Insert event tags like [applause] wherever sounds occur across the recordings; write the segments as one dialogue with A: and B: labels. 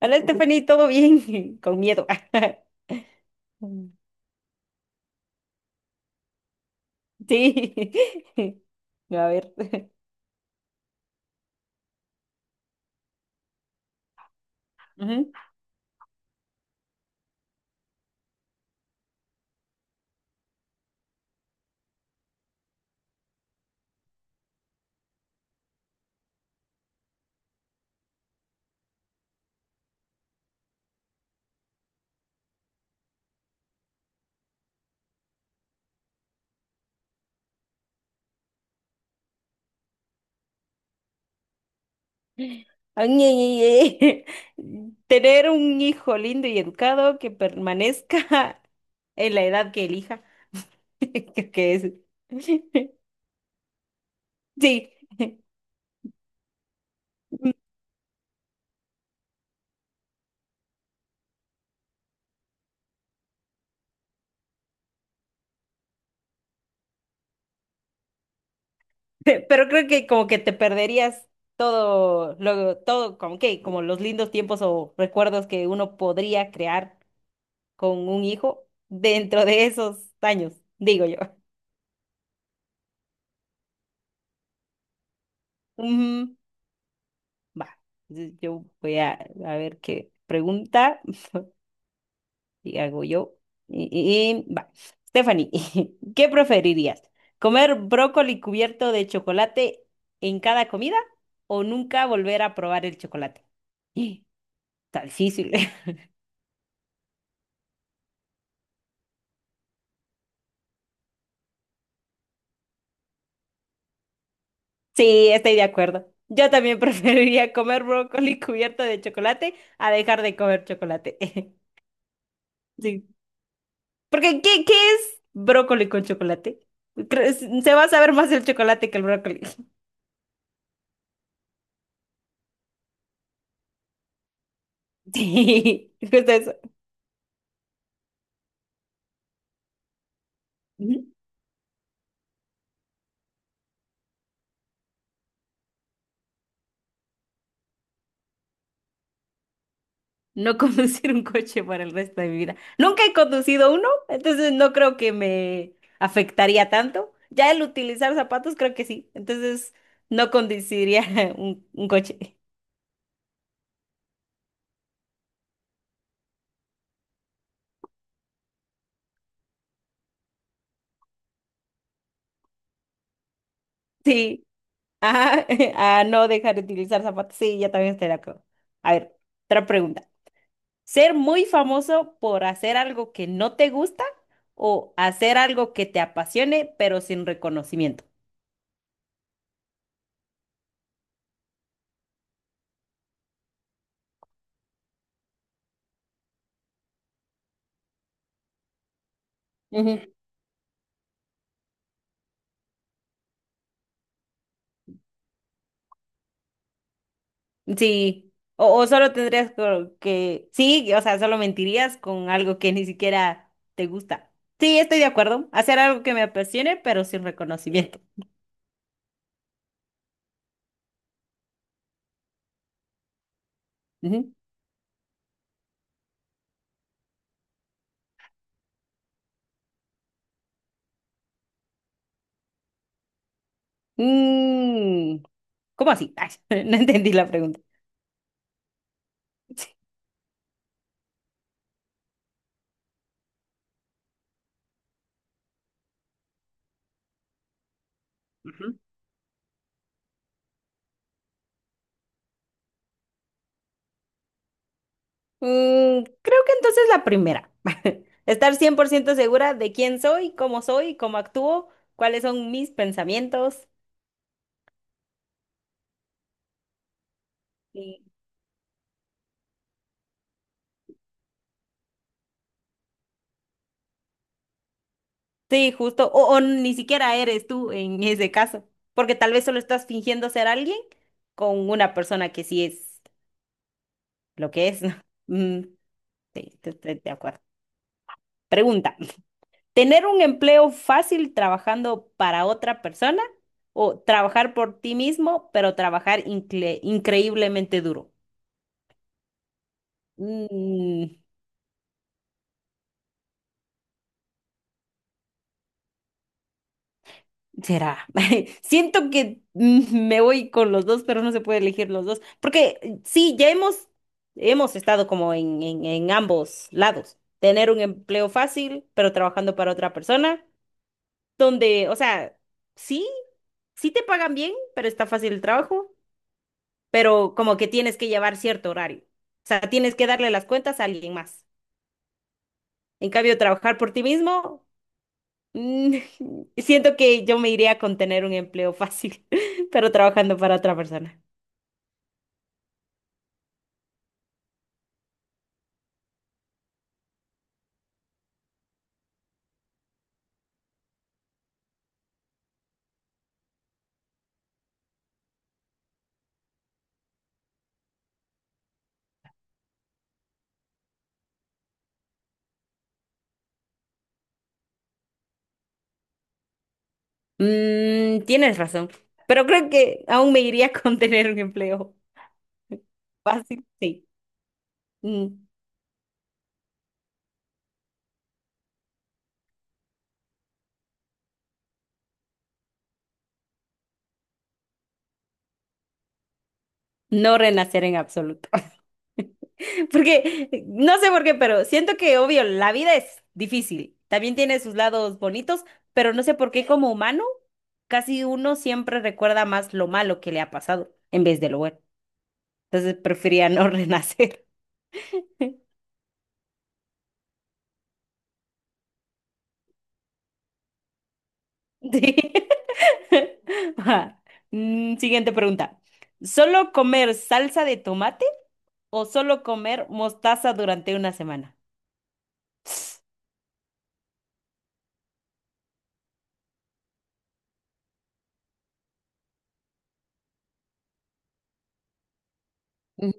A: Hola, Stephanie, ¿todo bien? [laughs] Con miedo. [laughs] Sí. [laughs] A ver. Ujú. [laughs] Ay, ay, ay, ay. [laughs] Tener un hijo lindo y educado que permanezca [laughs] en la edad que elija. [laughs] Creo que es. [laughs] Sí. Mm, Pero creo que como que te perderías todo, lo, todo, como que, como los lindos tiempos o recuerdos que uno podría crear con un hijo dentro de esos años, digo yo. Ujú. Va, entonces yo voy a ver qué pregunta y hago yo. Va, Stephanie, [laughs] ¿qué preferirías? ¿Comer brócoli cubierto de chocolate en cada comida o nunca volver a probar el chocolate? [gasps] Está difícil. [laughs] Sí, estoy de acuerdo. Yo también [laughs] preferiría comer brócoli cubierto de chocolate a dejar de comer chocolate. [laughs] Sí. Porque, ¿qué es brócoli con chocolate? Creo- Se va a saber más el chocolate que el brócoli. [laughs] Sí, justo eso. Ujú. No conducir un coche para el resto de mi vida. Nunca he conducido uno, entonces no creo que me afectaría tanto. Ya el utilizar zapatos creo que sí, entonces no conduciría [laughs] un coche. Sí, ah, [laughs] a no dejar de utilizar zapatos. Sí, ya también estoy de acuerdo. A ver, otra pregunta. ¿Ser muy famoso por hacer algo que no te gusta o hacer algo que te apasione pero sin reconocimiento? Ujú. Sí, o solo sí, o sea, solo mentirías con algo que ni siquiera te gusta. Sí, estoy de acuerdo. Hacer algo que me apasione pero sin reconocimiento. Ujú. Mm, ¿cómo así? Ay, [laughs] no entendí la pregunta. Ujú. Mm, creo que entonces la primera. [laughs] Estar 100% segura de quién soy, cómo actúo, cuáles son mis pensamientos. Sí. Sí, justo. O ni siquiera eres tú en ese caso, porque tal vez solo estás fingiendo ser alguien con una persona que sí es lo que es. [laughs] ¿No? Mm, sí, de acuerdo. Pregunta. ¿Tener un empleo fácil trabajando para otra persona o trabajar por ti mismo, pero trabajar increíblemente duro? Mm, será. [laughs] Siento que me voy con los dos, pero no se puede elegir los dos. Porque sí, ya hemos, hemos estado como en ambos lados. Tener un empleo fácil, pero trabajando para otra persona, donde, o sea, sí, sí te pagan bien, pero está fácil el trabajo, pero como que tienes que llevar cierto horario. O sea, tienes que darle las cuentas a alguien más. En cambio, trabajar por ti mismo. Mm. [laughs] Siento que yo me iría con tener un empleo fácil, [laughs] pero trabajando para otra persona. Mm, tienes razón, pero creo que aún me iría [laughs] con tener un empleo fácil, sí. Mm. No renacer en absoluto. [laughs] Porque, no sé por qué, pero siento que, obvio, la vida es difícil. También tiene sus lados bonitos, pero no sé por qué como humano, casi uno siempre recuerda más lo malo que le ha pasado en vez de lo bueno. Entonces, prefería no [laughs] renacer. Sí. [laughs] Ajá. Mm. Siguiente pregunta. ¿Solo comer salsa de tomate o solo comer mostaza durante una semana? Mm.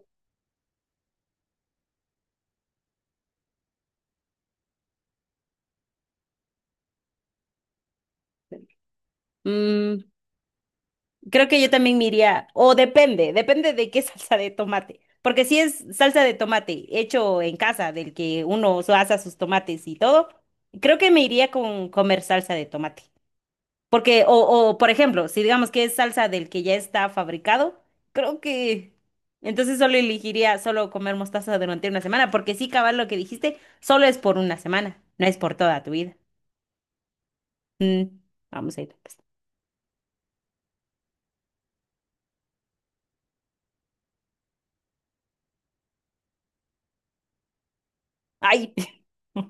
A: Mm, creo que yo también me iría, o depende, depende de qué [laughs] salsa de tomate. Porque si es salsa de tomate hecho en casa, del que uno asa sus tomates y todo, creo que me iría con comer salsa de tomate. Porque, o por ejemplo, si digamos que es salsa del que ya está fabricado, creo que entonces solo elegiría solo comer mostaza durante una semana, porque sí, cabal, lo que dijiste, solo es por una semana, no es por toda tu vida. Mm, vamos a ir, pues. Ay, [laughs]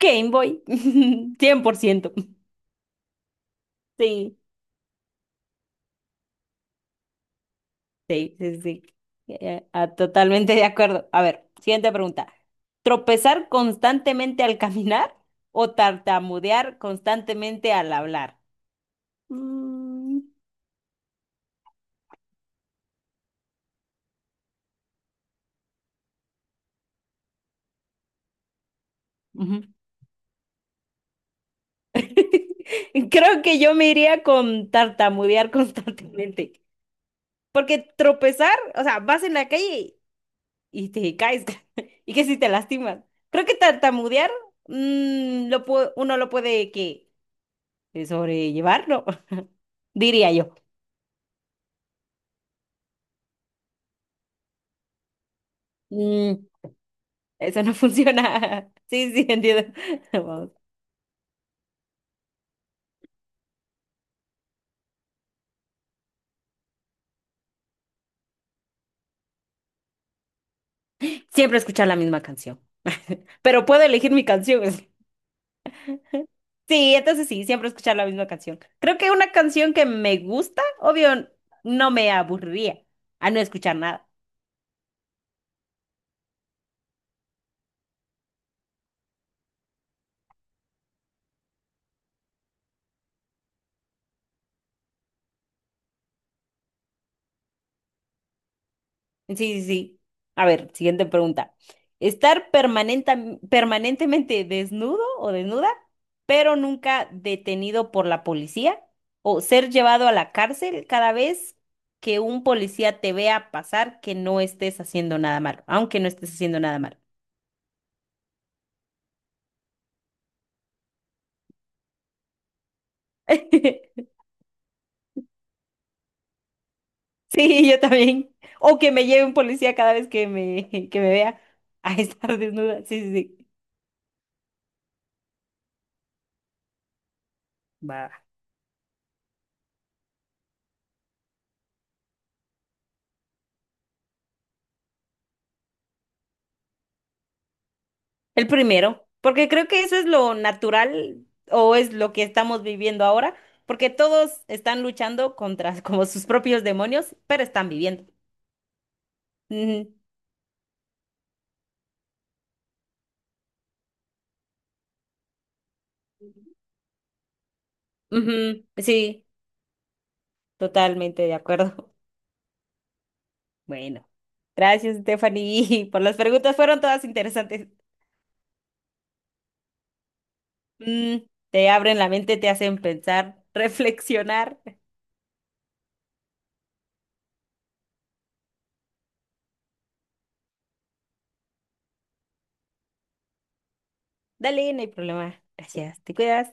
A: Game Boy, [laughs] 100%. Sí, sí. Totalmente de acuerdo. A ver, siguiente pregunta. ¿Tropezar constantemente al caminar o tartamudear constantemente al hablar? Mm. Ujú. [laughs] Creo que yo me iría con tartamudear [laughs] constantemente. Porque tropezar, o sea, vas en la calle y te caes. [laughs] Y que si te lastimas. Creo que tartamudear, mm, uno lo puede que sobrellevar, ¿no? [laughs] Diría yo. Mm, eso no [laughs] funciona. Sí, sí, entiendo. [laughs] Vamos. Siempre escuchar la misma canción. Pero puedo elegir mi canción. [laughs] Sí, entonces sí, siempre escuchar la misma canción. Creo que una canción que me gusta, obvio, no me aburriría a no escuchar nada. Sí, sí, sí. A ver, siguiente pregunta. ¿Estar permanentemente desnudo o desnuda, pero nunca detenido por la policía? ¿O ser llevado a la cárcel cada vez que un policía te vea pasar que no estés haciendo nada malo, aunque no estés haciendo nada malo? [laughs] Sí, yo también. O que me lleve un policía cada vez que que me vea a estar [laughs] desnuda. Sí, sí, sí. Va. El primero, porque creo que eso es lo natural o es lo que estamos viviendo ahora, porque todos están luchando contra [laughs] como sus propios demonios, pero están viviendo. Ujú, ujú. Sí, totalmente de acuerdo. [laughs] Bueno, gracias, Stephanie, [laughs] por las preguntas, fueron todas interesantes. Mm, te abren la mente, te hacen pensar, [laughs] reflexionar. Dale, no hay problema. Gracias. Te cuidas.